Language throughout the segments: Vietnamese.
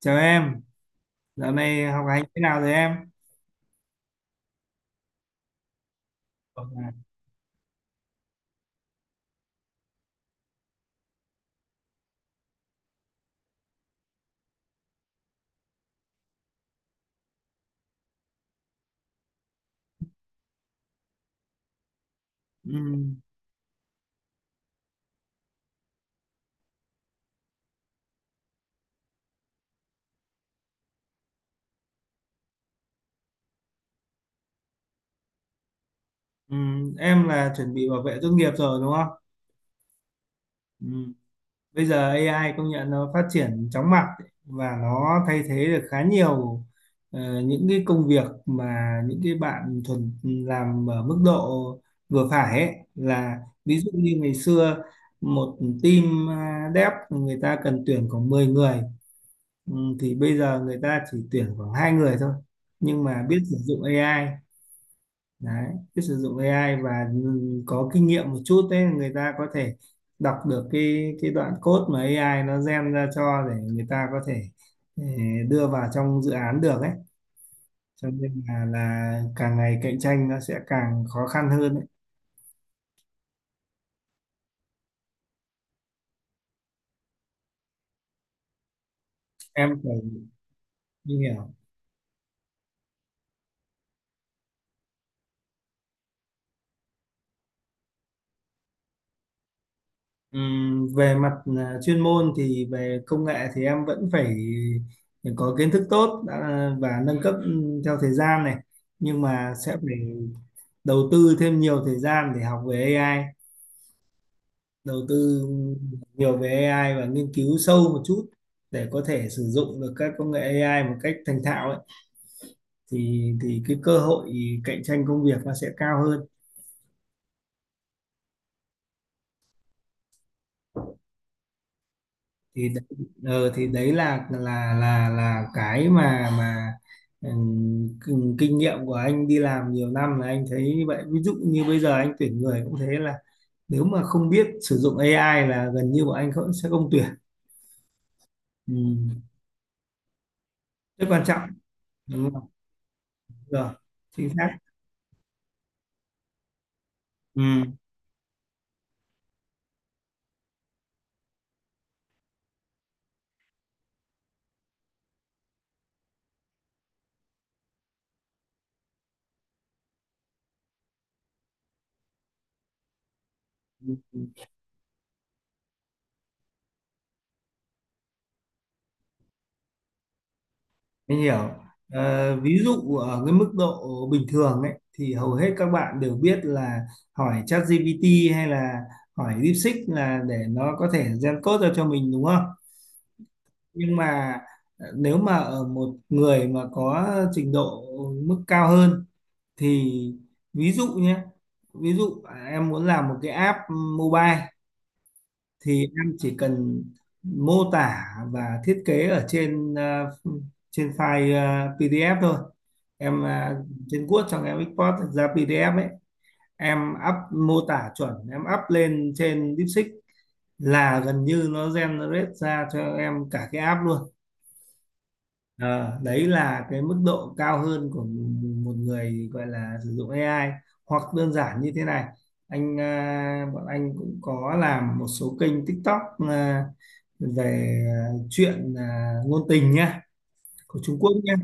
Chào em, dạo này học hành thế nào rồi em? Vâng ạ. Ừ, ừ. Em chuẩn bị bảo vệ tốt nghiệp rồi đúng không? Ừ. Bây giờ AI công nhận nó phát triển chóng mặt ấy, và nó thay thế được khá nhiều những cái công việc mà những cái bạn thuần làm ở mức độ vừa phải ấy, là ví dụ như ngày xưa một team dev người ta cần tuyển khoảng 10 người. ừ, thì bây giờ người ta chỉ tuyển khoảng 2 người thôi, nhưng mà biết sử dụng AI. Đấy, biết sử dụng AI và có kinh nghiệm một chút, đấy người ta có thể đọc được cái đoạn code mà AI nó gen ra cho, để người ta có thể đưa vào trong dự án được ấy. Cho nên là càng ngày cạnh tranh nó sẽ càng khó khăn hơn ấy. Em phải như hiểu. Về mặt chuyên môn thì về công nghệ thì em vẫn phải có kiến thức tốt đã, và nâng cấp theo thời gian này, nhưng mà sẽ phải đầu tư thêm nhiều thời gian để học về AI. Đầu tư nhiều về AI và nghiên cứu sâu một chút, để có thể sử dụng được các công nghệ AI một cách thành thạo ấy, thì cái cơ hội cạnh tranh công việc nó sẽ cao hơn. Thì đấy- ờ, thì đấy là cái mà kinh kinh nghiệm của anh đi làm nhiều năm là anh thấy như vậy. Ví dụ như bây giờ anh tuyển người cũng thế, là nếu mà không biết sử dụng AI là gần như bọn anh không, sẽ không tuyển. Ừ. Rất quan trọng. Rồi, chính xác. Ừ, mình hiểu. Ờ, ví dụ ở cái mức độ bình thường ấy thì hầu hết các bạn đều biết là hỏi ChatGPT hay là hỏi DeepSeek là để nó có thể gen code ra cho mình đúng không? Nhưng mà nếu mà ở một người mà có trình độ mức cao hơn thì ví dụ nhé, ví dụ em muốn làm một cái app mobile thì em chỉ cần mô tả và thiết kế ở trên trên file PDF thôi. Em trên Word xong em export ra PDF ấy, em up mô tả chuẩn, em up lên trên DeepSeek là gần như nó generate ra cho em cả cái app luôn. Ờ, đấy là cái mức độ cao hơn của một người gọi là sử dụng AI. Hoặc đơn giản như thế này, anh bọn anh cũng có làm một số kênh TikTok à, về chuyện ngôn tình nhá, của Trung Quốc nhá.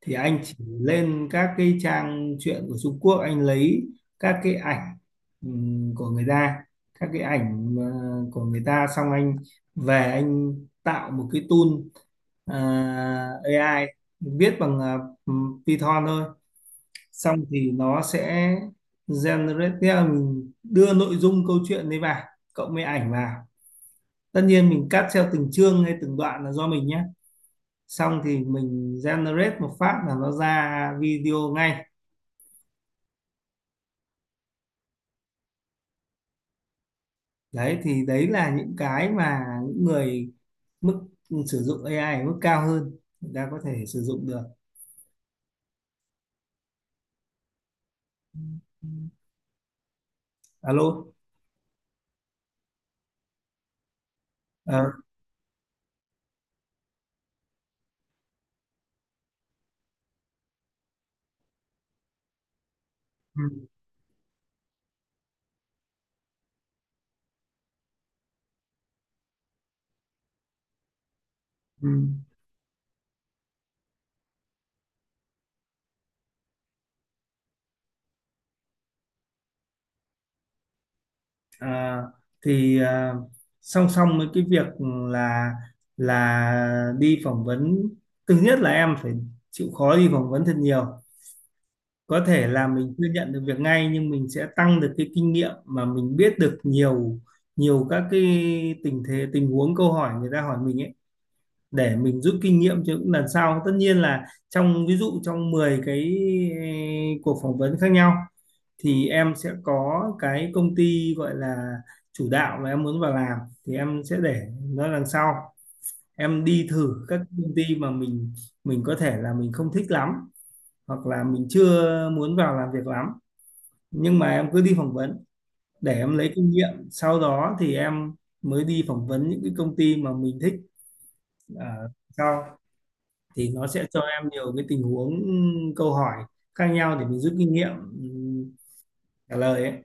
Thì anh chỉ lên các cái trang truyện của Trung Quốc, anh lấy các cái ảnh của người ta, các cái ảnh của người ta. Xong anh về anh tạo một cái tool AI viết bằng Python thôi, xong thì nó sẽ generate, tức là mình đưa nội dung câu chuyện đấy vào, cộng với ảnh vào, tất nhiên mình cắt theo từng chương hay từng đoạn là do mình nhé. Xong thì mình generate một phát là nó ra video ngay. Đấy thì đấy là những cái mà những người mức sử dụng AI ở mức cao hơn người ta có thể sử dụng được. Alo. Ờ. Ừ. Ừ. À, thì song song với cái việc là đi phỏng vấn, thứ nhất là em phải chịu khó đi phỏng vấn thật nhiều. Có thể là mình chưa nhận được việc ngay, nhưng mình sẽ tăng được cái kinh nghiệm mà mình biết được nhiều nhiều các cái tình thế, tình huống, câu hỏi người ta hỏi mình ấy, để mình rút kinh nghiệm cho những lần sau. Tất nhiên là trong ví dụ trong 10 cuộc phỏng vấn khác nhau thì em sẽ có cái công ty gọi là chủ đạo mà em muốn vào làm, thì em sẽ để nó đằng sau. Em đi thử các công ty mà mình có thể là mình không thích lắm, hoặc là mình chưa muốn vào làm việc lắm, nhưng mà em cứ đi phỏng vấn để em lấy kinh nghiệm, sau đó thì em mới đi phỏng vấn những cái công ty mà mình thích ở sau, thì nó sẽ cho em nhiều cái tình huống câu hỏi khác nhau để mình rút kinh nghiệm. Ừ, trả lời ấy.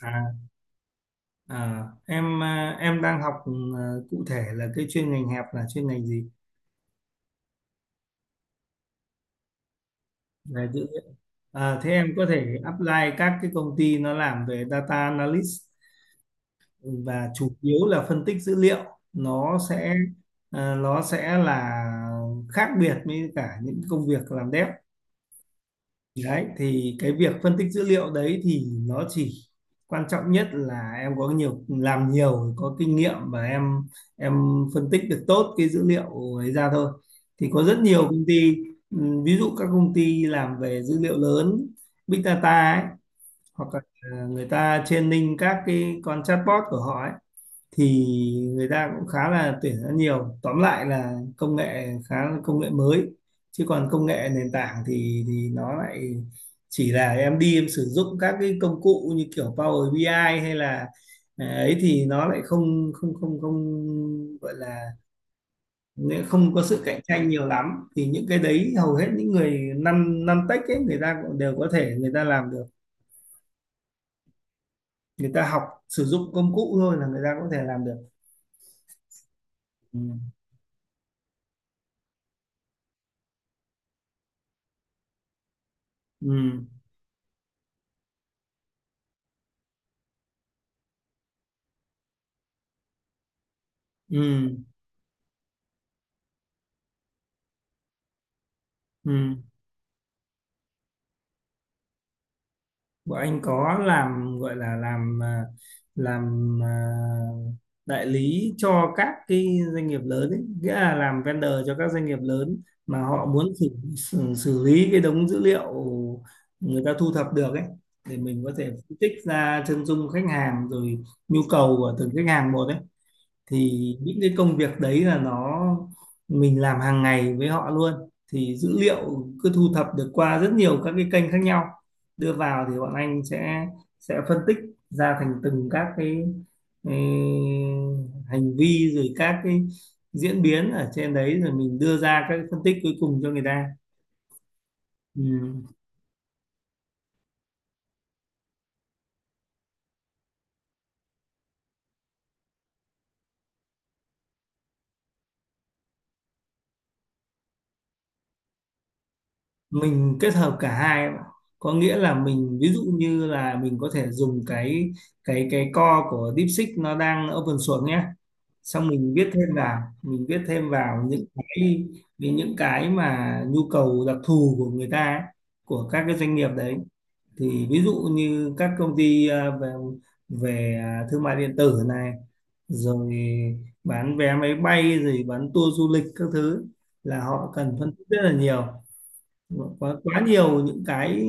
à, em đang học, cụ thể là cái chuyên ngành hẹp là chuyên ngành gì? Về dữ liệu. Thế em có thể apply các cái công ty nó làm về data analyst, và chủ yếu là phân tích dữ liệu. Nó sẽ là khác biệt với cả những công việc làm dev. Đấy, thì cái việc phân tích dữ liệu đấy thì nó chỉ, quan trọng nhất là em có nhiều, làm nhiều, có kinh nghiệm, và em em phân tích được tốt cái dữ liệu ấy ra thôi. Thì có rất nhiều công ty, ví dụ các công ty làm về dữ liệu lớn, big data ấy, hoặc là ờ, người ta training các cái con chatbot của họ ấy, thì người ta cũng khá là tuyển rất nhiều. Tóm lại là công nghệ khá, là công nghệ mới, chứ còn công nghệ nền tảng thì nó lại chỉ là em đi em sử dụng các cái công cụ như kiểu Power BI ai hay là ấy thì nó lại không không không không, gọi là không có sự cạnh tranh nhiều lắm. Thì những cái đấy hầu hết những người năm năm tech ấy người ta cũng đều có thể người ta làm được, người ta học sử dụng công cụ thôi là người ta có thể làm được. Ừ. Ừ. Ừ. Ừ. Bọn anh có làm, gọi là làm làm à, đại lý cho các cái doanh nghiệp lớn ấy, nghĩa là làm vendor cho các doanh nghiệp lớn mà họ muốn xử lý cái đống dữ liệu người ta thu thập được ấy, để mình có thể phân tích ra chân dung khách hàng rồi nhu cầu của từng khách hàng một ấy. Thì những cái công việc đấy là nó mình làm hàng ngày với họ luôn. Thì dữ liệu cứ thu thập được qua rất nhiều các cái kênh khác nhau đưa vào, thì bọn anh sẽ phân tích ra thành từng các cái, ừ, hành vi, rồi các cái diễn biến ở trên đấy, rồi mình đưa ra các cái phân tích cuối cùng cho người ta. Ừ. Mình kết hợp cả hai, em ạ. Có nghĩa là mình, ví dụ như là mình có thể dùng cái core của DeepSeek, nó đang open source nhé, xong mình viết thêm vào, những cái, những cái mà nhu cầu đặc thù của người ta ấy, của các cái doanh nghiệp đấy. Thì ví dụ như các công ty về về ờ, thương mại điện tử này, rồi bán vé máy bay rồi bán tour du lịch các thứ, là họ cần phân tích rất là nhiều, quá quá nhiều những cái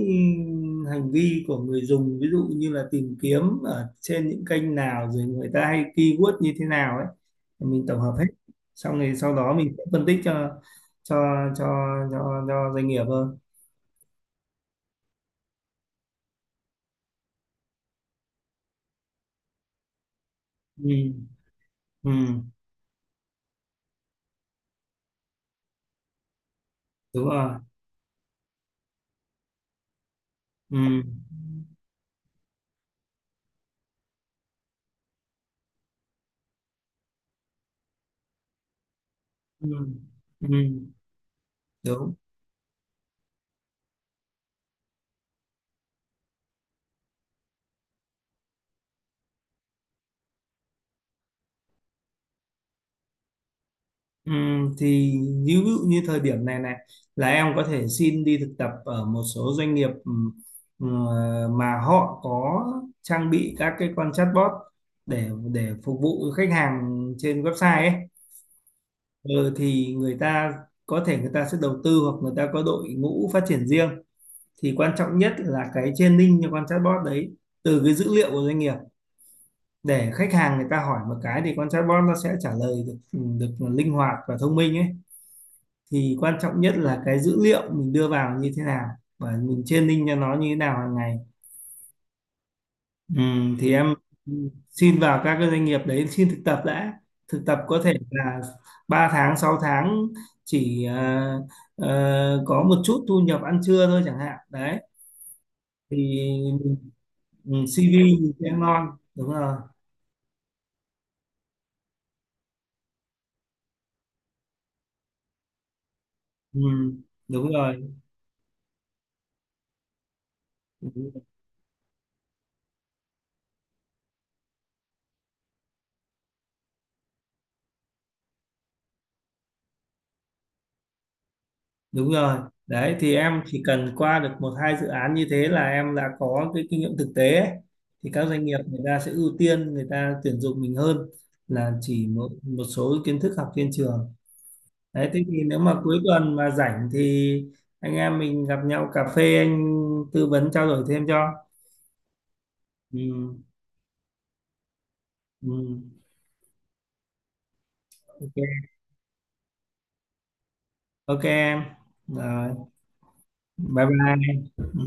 hành vi của người dùng. Ví dụ như là tìm kiếm ở trên những kênh nào, rồi người ta hay keyword như thế nào ấy, mình tổng hợp hết, xong rồi sau đó mình sẽ phân tích cho cho cho doanh nghiệp hơn. Ừ. Ừ. Đúng rồi. Ừ. Ừ. Ừ. Đúng. Thì ví dụ như thời điểm này này là em có thể xin đi thực tập ở một số doanh nghiệp, ờ, mà họ có trang bị các cái con chatbot để phục vụ khách hàng trên website ấy. Ừ, thì người ta có thể người ta sẽ đầu tư, hoặc người ta có đội ngũ phát triển riêng. Thì quan trọng nhất là cái training cho con chatbot đấy, từ cái dữ liệu của doanh nghiệp, để khách hàng người ta hỏi một cái thì con chatbot nó sẽ trả lời được, được linh hoạt và thông minh ấy. Thì quan trọng nhất là cái dữ liệu mình đưa vào như thế nào, và mình training cho nó như thế nào hàng ngày. Thì em xin vào các cái doanh nghiệp đấy, xin thực tập đã. Thực tập có thể là 3 tháng, 6 tháng, chỉ có một chút thu nhập ăn trưa thôi chẳng hạn đấy. Thì ừ, CV thì sẽ ngon. Đúng rồi. Ừ, đúng rồi. Ừ. Đúng. Rồi đấy thì em chỉ cần qua được một hai dự án như thế là em đã có cái kinh nghiệm thực tế ấy. Thì các doanh nghiệp người ta sẽ ưu tiên người ta tuyển dụng mình hơn là chỉ một một số kiến thức học trên trường. Đấy, thế thì nếu mà cuối tuần mà rảnh thì anh em mình gặp nhau cà phê, anh tư vấn trao đổi thêm cho. Ừ, ừ, ok, ok em. Rồi, bye bye. Ừ.